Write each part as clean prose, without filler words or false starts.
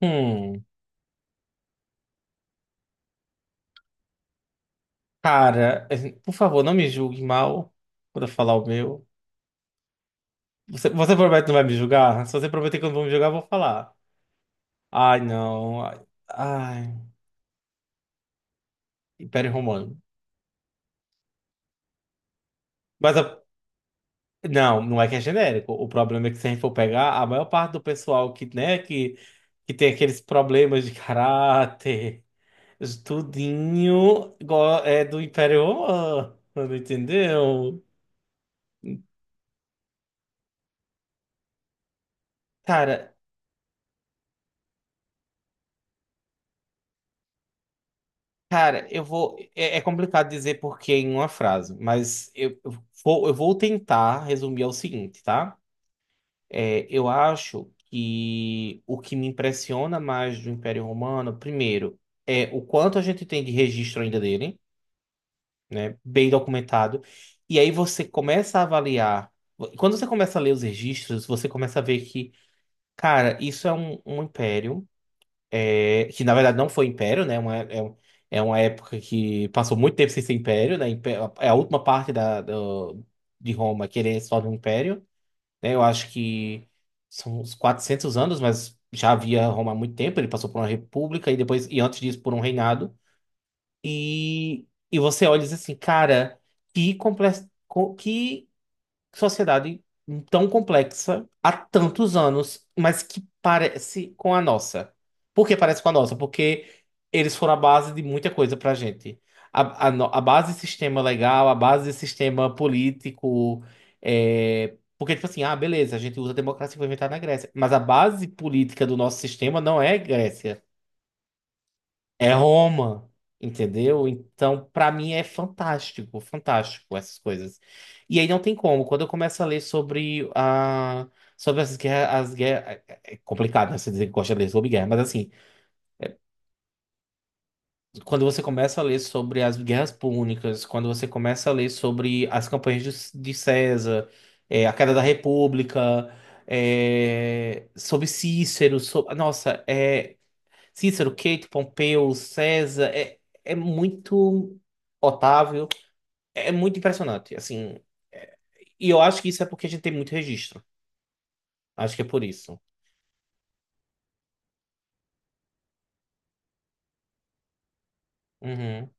Hum, Cara, assim, por favor, não me julgue mal por eu falar o meu. Você promete que não vai me julgar? Se você prometer que eu não vai me julgar, eu vou falar. Ai, não. Ai, ai, Império Romano. Mas a- não, não é que é genérico. O problema é que se a gente for pegar, a maior parte do pessoal que, né, que tem aqueles problemas de caráter, tudinho, é do Império Romano, entendeu? Cara. Cara, eu vou. É, é complicado dizer porquê em uma frase, mas eu vou tentar resumir ao seguinte, tá? É, eu acho que o que me impressiona mais do Império Romano, primeiro, é o quanto a gente tem de registro ainda dele, né? Bem documentado. E aí você começa a avaliar. Quando você começa a ler os registros, você começa a ver que, cara, isso é um império, é, que na verdade não foi império, né? É uma época que passou muito tempo sem ser império, né? É a última parte de Roma querer se tornar um império, né? Eu acho que são uns 400 anos, mas já havia Roma há muito tempo. Ele passou por uma república e depois, e antes disso, por um reinado. E, e você olha e diz assim, cara, que complexo, sociedade tão complexa há tantos anos, mas que parece com a nossa. Por que parece com a nossa? Porque eles foram a base de muita coisa pra gente. A, no- A base de sistema legal, a base de sistema político. É, porque, tipo assim, ah, beleza, a gente usa a democracia que foi inventada na Grécia. Mas a base política do nosso sistema não é Grécia. É Roma, entendeu? Então, pra mim é fantástico, fantástico essas coisas. E aí não tem como. Quando eu começo a ler sobre a, sobre as guerras, é complicado, né, você dizer que gosta de ler sobre guerra, mas assim, quando você começa a ler sobre as guerras púnicas, quando você começa a ler sobre as campanhas de César, é, a queda da República, é, sobre Cícero, nossa, é, Cícero, Queito, Pompeu, César, é, é muito. Otávio, é, é muito impressionante, assim. E eu acho que isso é porque a gente tem muito registro. Acho que é por isso. Uhum.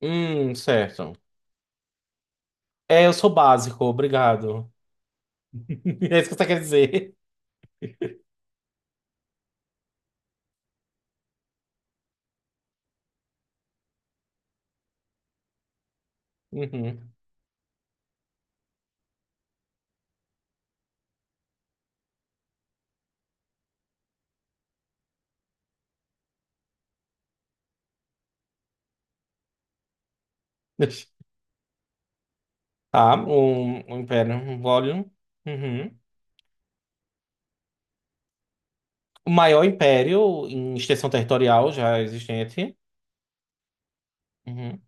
Certo. É, eu sou básico, obrigado. É isso que você quer dizer. Uhum. Tá, o Império um Volume. Uhum. O maior império em extensão territorial já existente. Uhum.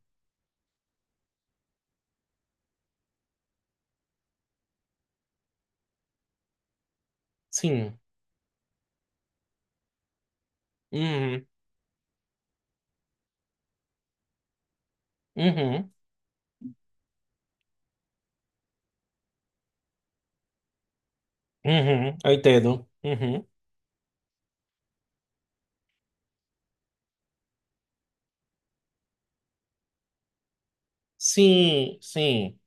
Sim. Uhum. Uhum. Uhum. Eu entendo. Uhum. Sim, sim.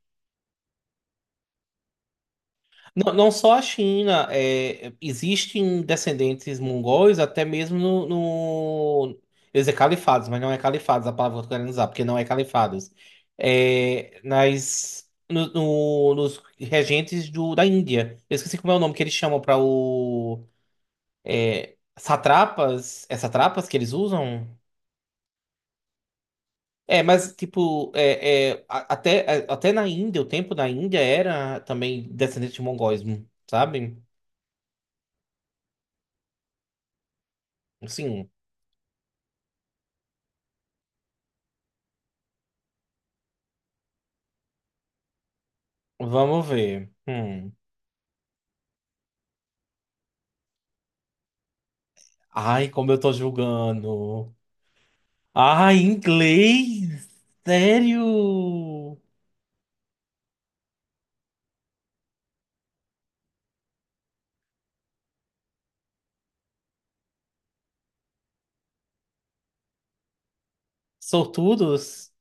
Não, não só a China, é, existem descendentes mongóis até mesmo eu ia dizer califados, mas não é califados a palavra que eu tô querendo usar, porque não é califados. É, nas, no- no- nos regentes do, da Índia. Eu esqueci como é o nome que eles chamam para o. É, satrapas? É satrapas que eles usam? É, mas tipo, é, é, até na Índia, o tempo da Índia era também descendente de mongóis, sabe? Sim, vamos ver. Hum. Ai, como eu tô julgando. Ai, inglês! Sério? Sortudos?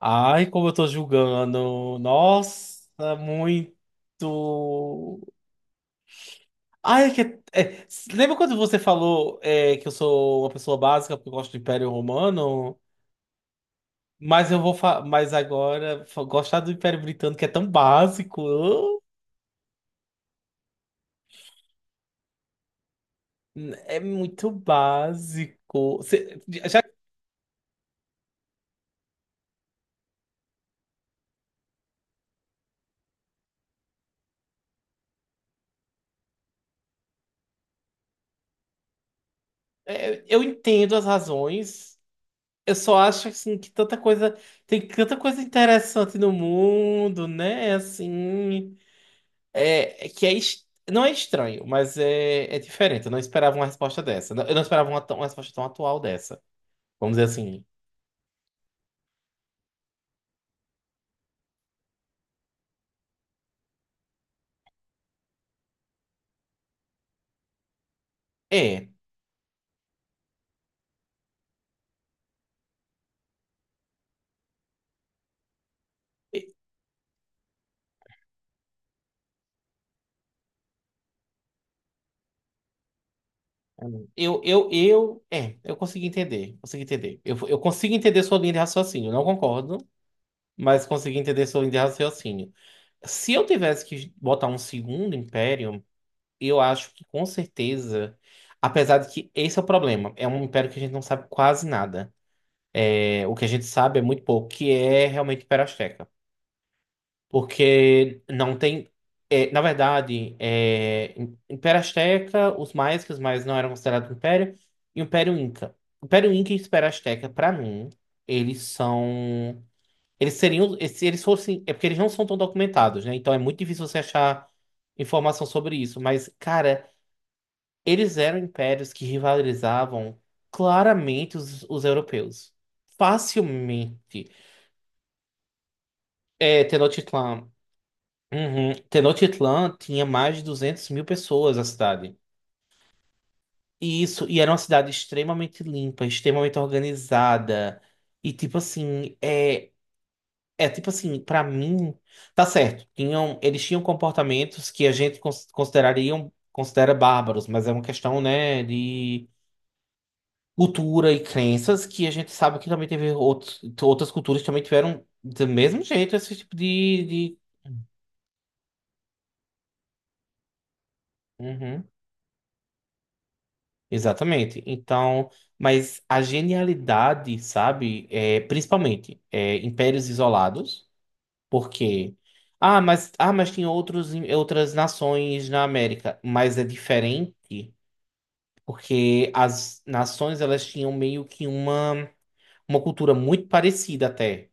Ai, como eu tô julgando. Nossa, muito. Ai, é que, é, lembra quando você falou, é, que eu sou uma pessoa básica porque eu gosto do Império Romano? Mas eu vou. Mas agora, gostar do Império Britânico é tão básico. É muito básico. Já, é, eu entendo as razões. Eu só acho assim que tanta coisa, tem tanta coisa interessante no mundo, né? É, assim, é, é que não é estranho, mas é, é diferente. Eu não esperava uma resposta dessa. Eu não esperava uma, uma resposta tão atual dessa. Vamos dizer assim. É. Eu consegui entender, consegui entender. Eu consigo entender sua linha de raciocínio. Eu não concordo, mas consegui entender sua linha de raciocínio. Se eu tivesse que botar um segundo império, eu acho que com certeza, apesar de que esse é o problema, é um império que a gente não sabe quase nada. É, o que a gente sabe é muito pouco, que é realmente o Império Azteca. Porque não tem, é, na verdade, é, Império Azteca, os maias, que os maias não eram considerados império, e o Império Inca. O Império Inca e o Império Azteca, pra mim, eles são. Eles seriam, se eles fossem, é porque eles não são tão documentados, né? Então é muito difícil você achar informação sobre isso. Mas, cara, eles eram impérios que rivalizavam claramente os europeus. Facilmente. É, Tenochtitlan. Uhum. Tenochtitlan tinha mais de 200 mil pessoas a cidade. E isso, e era uma cidade extremamente limpa, extremamente organizada. E tipo assim, é, é, tipo assim, pra mim, tá certo. Tinham, eles tinham comportamentos que a gente considerariam, considera bárbaros, mas é uma questão, né, de cultura e crenças que a gente sabe que também teve outros, outras culturas que também tiveram do mesmo jeito esse tipo de... Uhum, exatamente. Então, mas a genialidade, sabe, é, principalmente, é, impérios isolados, porque ah, mas, ah, mas tinha outros, outras nações na América. Mas é diferente, porque as nações elas tinham meio que uma cultura muito parecida até,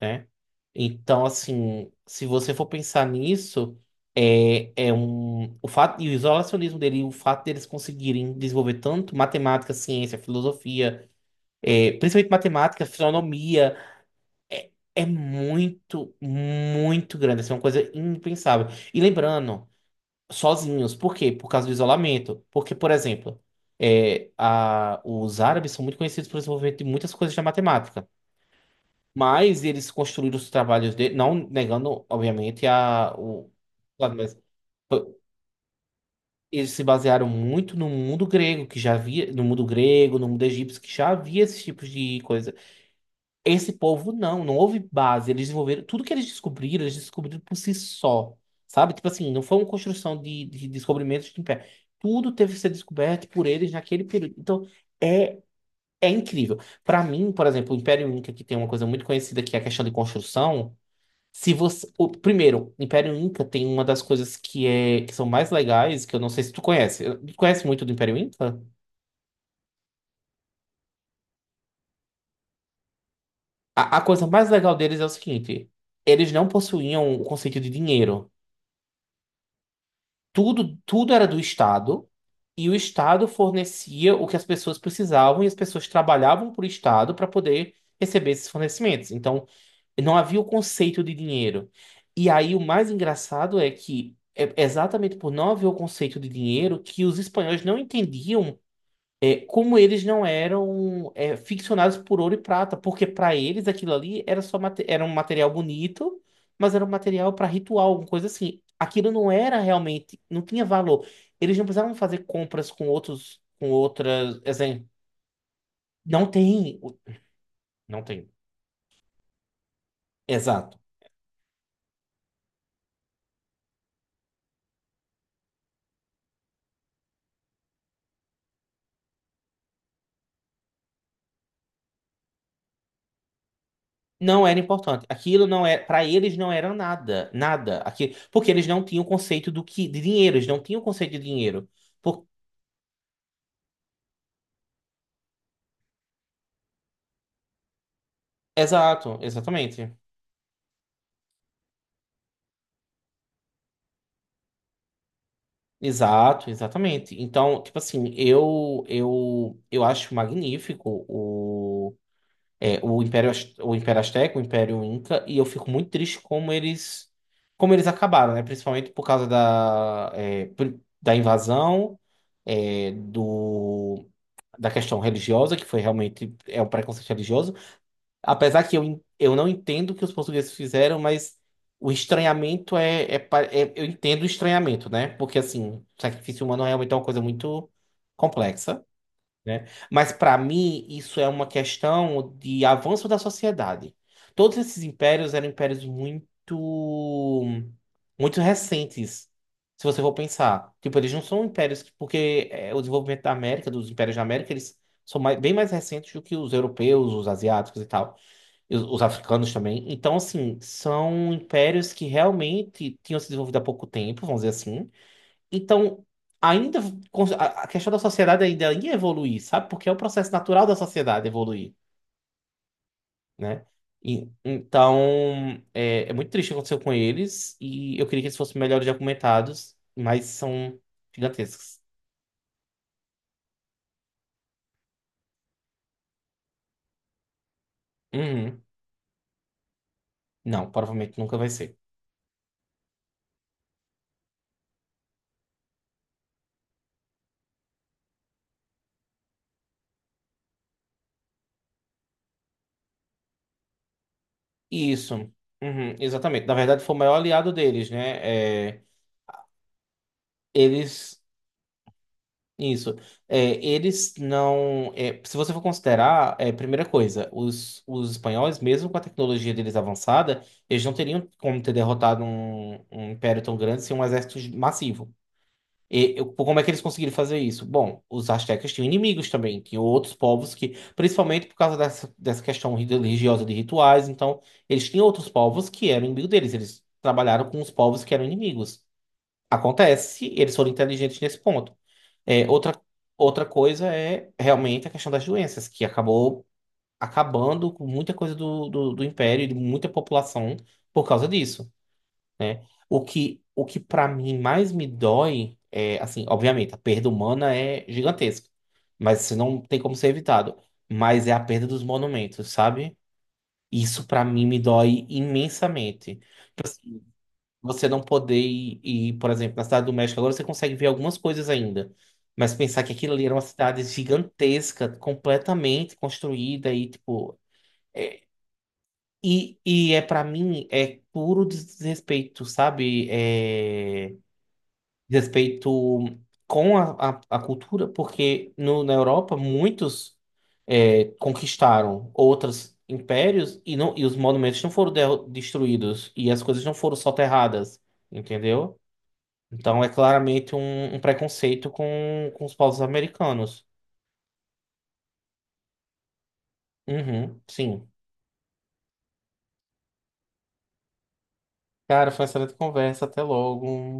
né? Então, assim, se você for pensar nisso, é, é um, o fato, e o isolacionismo dele, e o fato deles conseguirem desenvolver tanto matemática, ciência, filosofia, é, principalmente matemática, astronomia. É, é muito, muito grande. Assim, é uma coisa impensável. E lembrando, sozinhos. Por quê? Por causa do isolamento. Porque, por exemplo, é, os árabes são muito conhecidos pelo desenvolvimento de muitas coisas da matemática. Mas eles construíram os trabalhos dele, não negando, obviamente, a, o, claro, mas foi- eles se basearam muito no mundo grego, que já havia, no mundo grego, no mundo egípcio, que já havia esses tipos de coisa. Esse povo não, não houve base. Eles desenvolveram tudo que eles descobriram por si só, sabe? Tipo assim, não foi uma construção de descobrimentos de pé. Tudo teve que ser descoberto por eles naquele período. Então, é, é incrível. Para mim, por exemplo, o Império Inca, que tem uma coisa muito conhecida que é a questão de construção. Se você, o, primeiro, o Império Inca tem uma das coisas que é que são mais legais, que eu não sei se tu conhece. Tu conhece muito do Império Inca? A coisa mais legal deles é o seguinte: eles não possuíam o conceito de dinheiro. Tudo era do Estado e o Estado fornecia o que as pessoas precisavam e as pessoas trabalhavam para o Estado para poder receber esses fornecimentos. Então, não havia o conceito de dinheiro. E aí, o mais engraçado é que é exatamente por não haver o conceito de dinheiro que os espanhóis não entendiam, é, como eles não eram, é, ficcionados por ouro e prata, porque para eles aquilo ali era só era um material bonito, mas era um material para ritual, uma coisa assim. Aquilo não era realmente, não tinha valor. Eles não precisavam fazer compras com outros, com outras, assim, não tem, não tem. Exato. Não era importante. Aquilo não é, para eles não era nada, nada. Aqui, porque eles não tinham o conceito do que de dinheiro, eles não tinham o conceito de dinheiro. Por- exato, exatamente. Exato, exatamente. Então, tipo assim, eu acho magnífico o, é, o o Império Azteca, o Império Inca, e eu fico muito triste como eles, como eles acabaram, né? Principalmente por causa da, é, da invasão, é, do da questão religiosa, que foi realmente é um preconceito religioso. Apesar que eu, eu não entendo o que os portugueses fizeram, mas o estranhamento é, é, eu entendo o estranhamento, né? Porque, assim, sacrifício humano realmente é uma coisa muito complexa, né? Mas, para mim, isso é uma questão de avanço da sociedade. Todos esses impérios eram impérios muito, muito recentes, se você for pensar. Tipo, eles não são impérios... porque, é, o desenvolvimento da América, dos impérios da América, eles são bem mais recentes do que os europeus, os asiáticos e tal. E os africanos também. Então, assim, são impérios que realmente tinham se desenvolvido há pouco tempo, vamos dizer assim. Então, ainda a questão da sociedade ainda ia evoluir, sabe? Porque é o processo natural da sociedade evoluir, né? Então, é, é muito triste o que aconteceu com eles e eu queria que eles fossem melhores documentados, mas são gigantescos. Uhum. Não, provavelmente nunca vai ser. Isso. Uhum, exatamente. Na verdade, foi o maior aliado deles, né? É, eles. Isso. É, eles não, é, se você for considerar, é, primeira coisa, os espanhóis, mesmo com a tecnologia deles avançada, eles não teriam como ter derrotado um, um império tão grande sem um exército massivo. E, como é que eles conseguiram fazer isso? Bom, os astecas tinham inimigos também, tinham outros povos que, principalmente por causa dessa, dessa questão religiosa de rituais, então, eles tinham outros povos que eram inimigos deles, eles trabalharam com os povos que eram inimigos. Acontece, eles foram inteligentes nesse ponto. É, outra, outra coisa é realmente a questão das doenças, que acabou acabando com muita coisa do império e de muita população por causa disso. O que para mim mais me dói é, assim, obviamente, a perda humana é gigantesca, mas isso não tem como ser evitado. Mas é a perda dos monumentos, sabe? Isso para mim me dói imensamente. Você não poder ir, ir, por exemplo, na cidade do México, agora você consegue ver algumas coisas ainda. Mas pensar que aquilo ali era uma cidade gigantesca, completamente construída e, tipo. é- e, e é para mim, é puro desrespeito, sabe? É, desrespeito com a cultura, porque no, na Europa muitos, é, conquistaram outros impérios e, não, e os monumentos não foram destruídos e as coisas não foram soterradas, entendeu? Então é claramente um, um preconceito com os povos americanos. Uhum, sim. Cara, foi uma excelente conversa. Até logo.